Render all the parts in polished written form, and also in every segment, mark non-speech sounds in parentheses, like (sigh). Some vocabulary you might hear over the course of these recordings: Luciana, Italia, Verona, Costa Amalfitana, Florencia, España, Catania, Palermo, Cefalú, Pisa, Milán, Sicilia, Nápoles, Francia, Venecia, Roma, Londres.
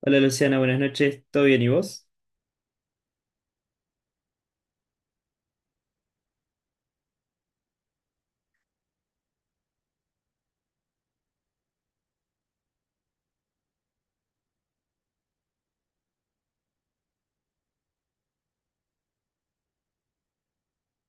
Hola Luciana, buenas noches. ¿Todo bien y vos?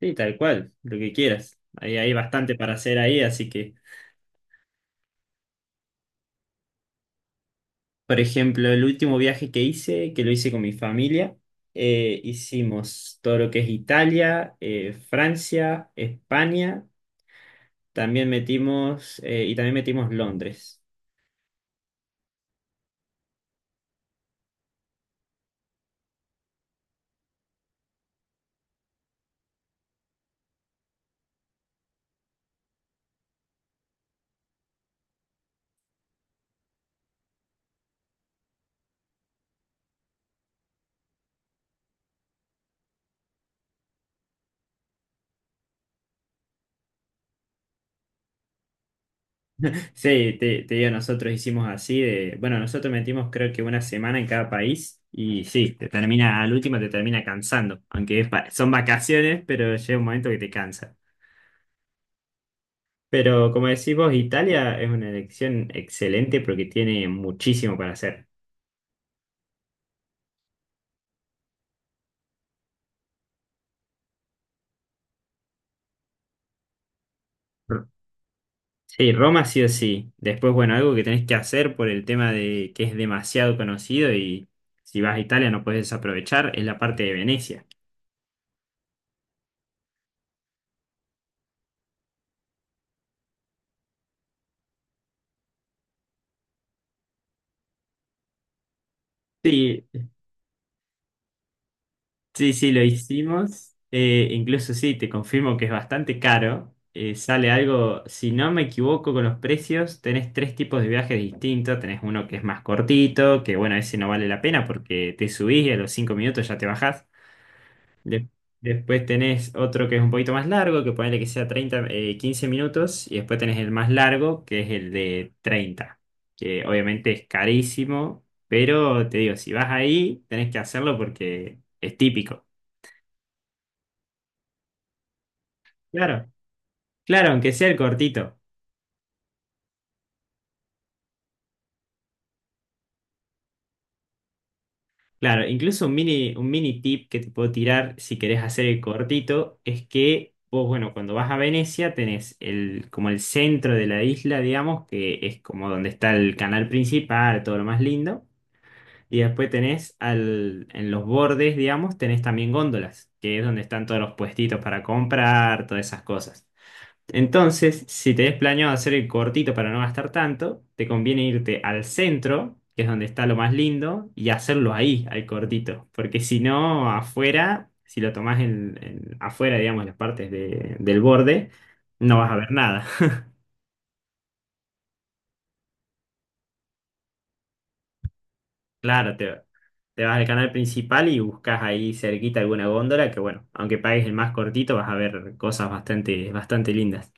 Sí, tal cual, lo que quieras. Hay bastante para hacer ahí, así que, por ejemplo, el último viaje que hice, que lo hice con mi familia, hicimos todo lo que es Italia, Francia, España, también metimos Londres. Sí, te digo, nosotros hicimos así de, bueno, nosotros metimos creo que una semana en cada país y sí, te termina, al último te termina cansando, aunque son vacaciones, pero llega un momento que te cansa. Pero como decís vos, Italia es una elección excelente porque tiene muchísimo para hacer. R- Sí, Roma sí o sí. Después, bueno, algo que tenés que hacer por el tema de que es demasiado conocido y si vas a Italia no puedes desaprovechar es la parte de Venecia. Sí. Sí, sí, lo hicimos. Incluso sí, te confirmo que es bastante caro. Sale algo, si no me equivoco con los precios, tenés tres tipos de viajes distintos. Tenés uno que es más cortito, que bueno, ese no vale la pena porque te subís y a los 5 minutos ya te bajás. De- después tenés otro que es un poquito más largo, que ponele que sea 30 15 minutos. Y después tenés el más largo, que es el de 30 que obviamente es carísimo, pero te digo, si vas ahí, tenés que hacerlo porque es típico. Claro, claro, aunque sea el cortito. Claro, incluso un mini tip que te puedo tirar si querés hacer el cortito es que vos, bueno, cuando vas a Venecia tenés el, como el centro de la isla, digamos, que es como donde está el canal principal, todo lo más lindo. Y después tenés al, en los bordes, digamos, tenés también góndolas, que es donde están todos los puestitos para comprar, todas esas cosas. Entonces, si tenés planeado hacer el cortito para no gastar tanto, te conviene irte al centro, que es donde está lo más lindo, y hacerlo ahí, al cortito. Porque si no, afuera, si lo tomás afuera, digamos, las partes de- del borde, no vas a ver nada. (laughs) Claro, te vas al canal principal y buscas ahí cerquita alguna góndola, que bueno, aunque pagues el más cortito, vas a ver cosas bastante, bastante lindas.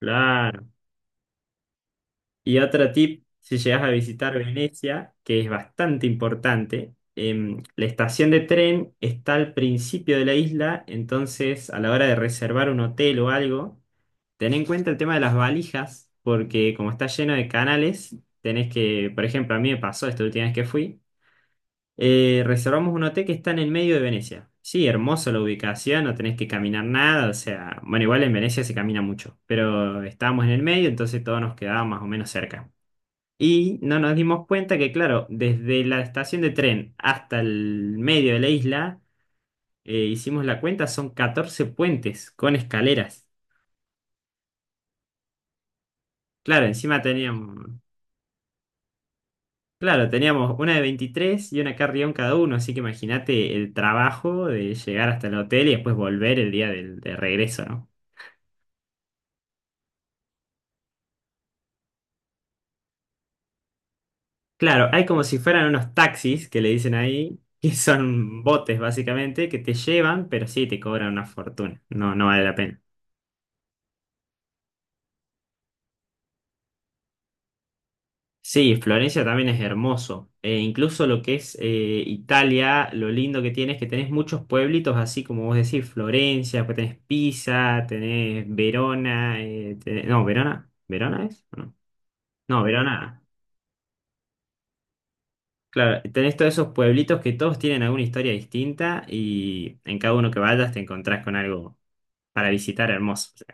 Claro. Y otro tip, si llegas a visitar Venecia, que es bastante importante, la estación de tren está al principio de la isla, entonces a la hora de reservar un hotel o algo, ten en cuenta el tema de las valijas, porque como está lleno de canales, tenés que, por ejemplo, a mí me pasó esta última vez que fui, reservamos un hotel que está en el medio de Venecia. Sí, hermoso la ubicación, no tenés que caminar nada, o sea, bueno, igual en Venecia se camina mucho, pero estábamos en el medio, entonces todo nos quedaba más o menos cerca. Y no nos dimos cuenta que, claro, desde la estación de tren hasta el medio de la isla, hicimos la cuenta, son 14 puentes con escaleras. Claro, encima teníamos, claro, teníamos una de 23 y una carrión cada uno, así que imagínate el trabajo de llegar hasta el hotel y después volver el día del, de regreso, ¿no? Claro, hay como si fueran unos taxis que le dicen ahí, que son botes básicamente, que te llevan, pero sí te cobran una fortuna. No, no vale la pena. Sí, Florencia también es hermoso. Incluso lo que es Italia, lo lindo que tiene es que tenés muchos pueblitos, así como vos decís, Florencia, pues tenés Pisa, tenés Verona, tenés- no, Verona, ¿Verona es? No, no, Verona. Claro, tenés todos esos pueblitos que todos tienen alguna historia distinta y en cada uno que vayas te encontrás con algo para visitar hermoso. O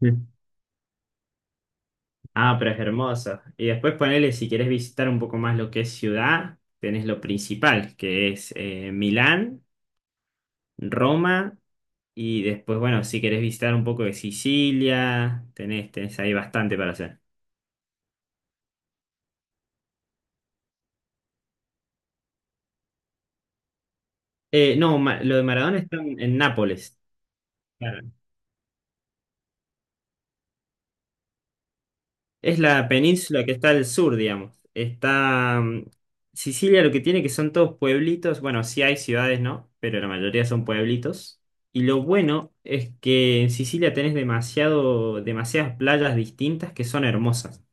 sea. (laughs) Ah, pero es hermoso. Y después ponele, si querés visitar un poco más lo que es ciudad, tenés lo principal, que es Milán, Roma, y después, bueno, si querés visitar un poco de Sicilia, tenés ahí bastante para hacer. No, lo de Maradona está en Nápoles. Claro. Es la península que está al sur, digamos. Está Sicilia, lo que tiene que son todos pueblitos. Bueno, sí hay ciudades, ¿no? Pero la mayoría son pueblitos. Y lo bueno es que en Sicilia tenés demasiadas playas distintas que son hermosas.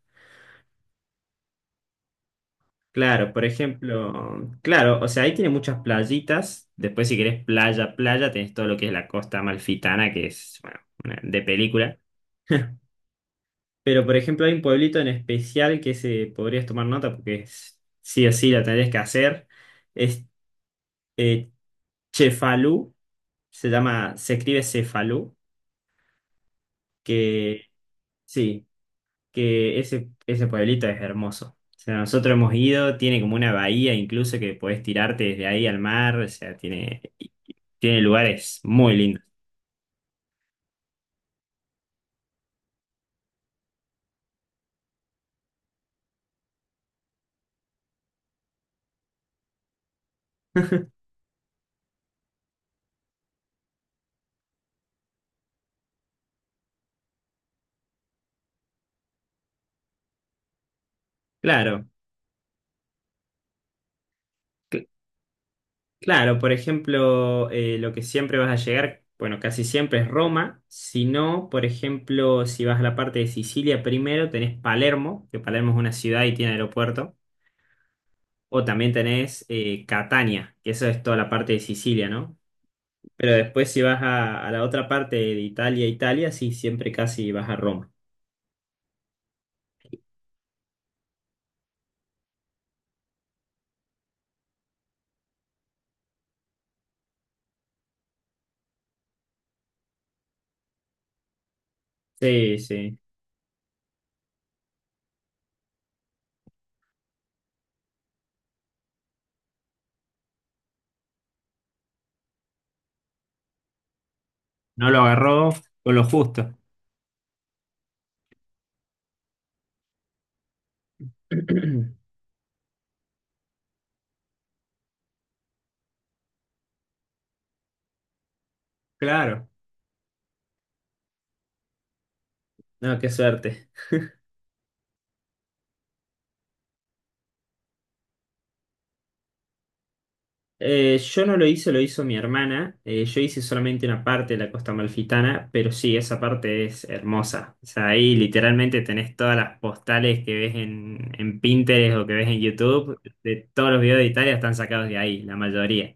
Claro, por ejemplo, claro, o sea, ahí tiene muchas playitas. Después, si querés playa, playa, tenés todo lo que es la costa amalfitana, que es, bueno, de película. (laughs) Pero, por ejemplo, hay un pueblito en especial que se podrías tomar nota porque es- sí o sí la tendrías que hacer. Es eh, Cefalú, se llama, se escribe Cefalú, que sí, que ese pueblito es hermoso. O sea, nosotros hemos ido, tiene como una bahía incluso que podés tirarte desde ahí al mar, o sea, tiene, tiene lugares muy lindos. Claro. Claro, por ejemplo, lo que siempre vas a llegar, bueno, casi siempre es Roma. Si no, por ejemplo, si vas a la parte de Sicilia primero, tenés Palermo, que Palermo es una ciudad y tiene aeropuerto. O también tenés Catania, que eso es toda la parte de Sicilia, ¿no? Pero después si vas a la otra parte de Italia, Italia, sí, siempre casi vas a Roma. Sí, sí. No lo agarró con lo justo. (clears throat) Claro. No, qué suerte. Yo no lo hice, lo hizo mi hermana. Yo hice solamente una parte de la Costa Amalfitana, pero sí, esa parte es hermosa. O sea, ahí literalmente tenés todas las postales que ves en Pinterest o que ves en YouTube. De todos los videos de Italia están sacados de ahí, la mayoría.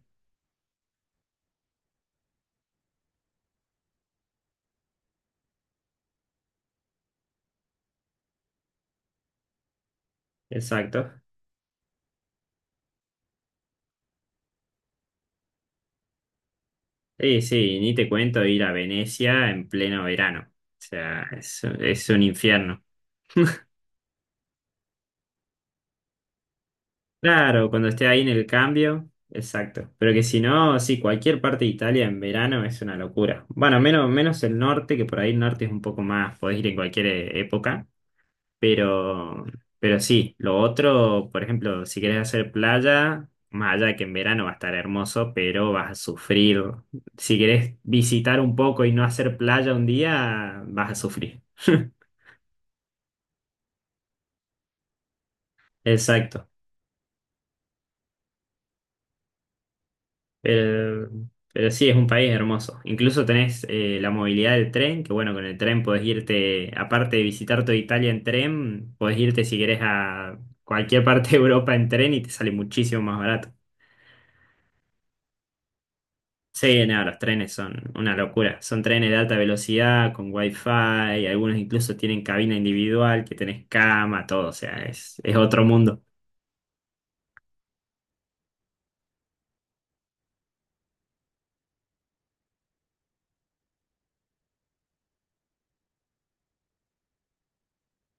Exacto. Sí, sí, ni te cuento ir a Venecia en pleno verano. O sea, es un infierno. Claro, cuando esté ahí en el cambio, exacto. Pero que si no, sí, cualquier parte de Italia en verano es una locura. Bueno, menos, menos el norte, que por ahí el norte es un poco más, podés ir en cualquier época, pero, pero sí, lo otro, por ejemplo, si querés hacer playa, más allá de que en verano va a estar hermoso, pero vas a sufrir. Si querés visitar un poco y no hacer playa un día, vas a sufrir. (laughs) Exacto. Pero, pero sí, es un país hermoso. Incluso tenés la movilidad del tren, que bueno, con el tren podés irte, aparte de visitar toda Italia en tren, podés irte si querés a cualquier parte de Europa en tren y te sale muchísimo más barato. Sí, nada, los trenes son una locura. Son trenes de alta velocidad, con wifi, algunos incluso tienen cabina individual, que tenés cama, todo, o sea, es otro mundo.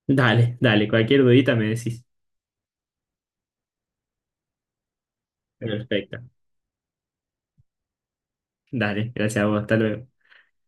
Dale, dale, cualquier dudita me decís. Perfecto. Dale, gracias a vos, hasta luego.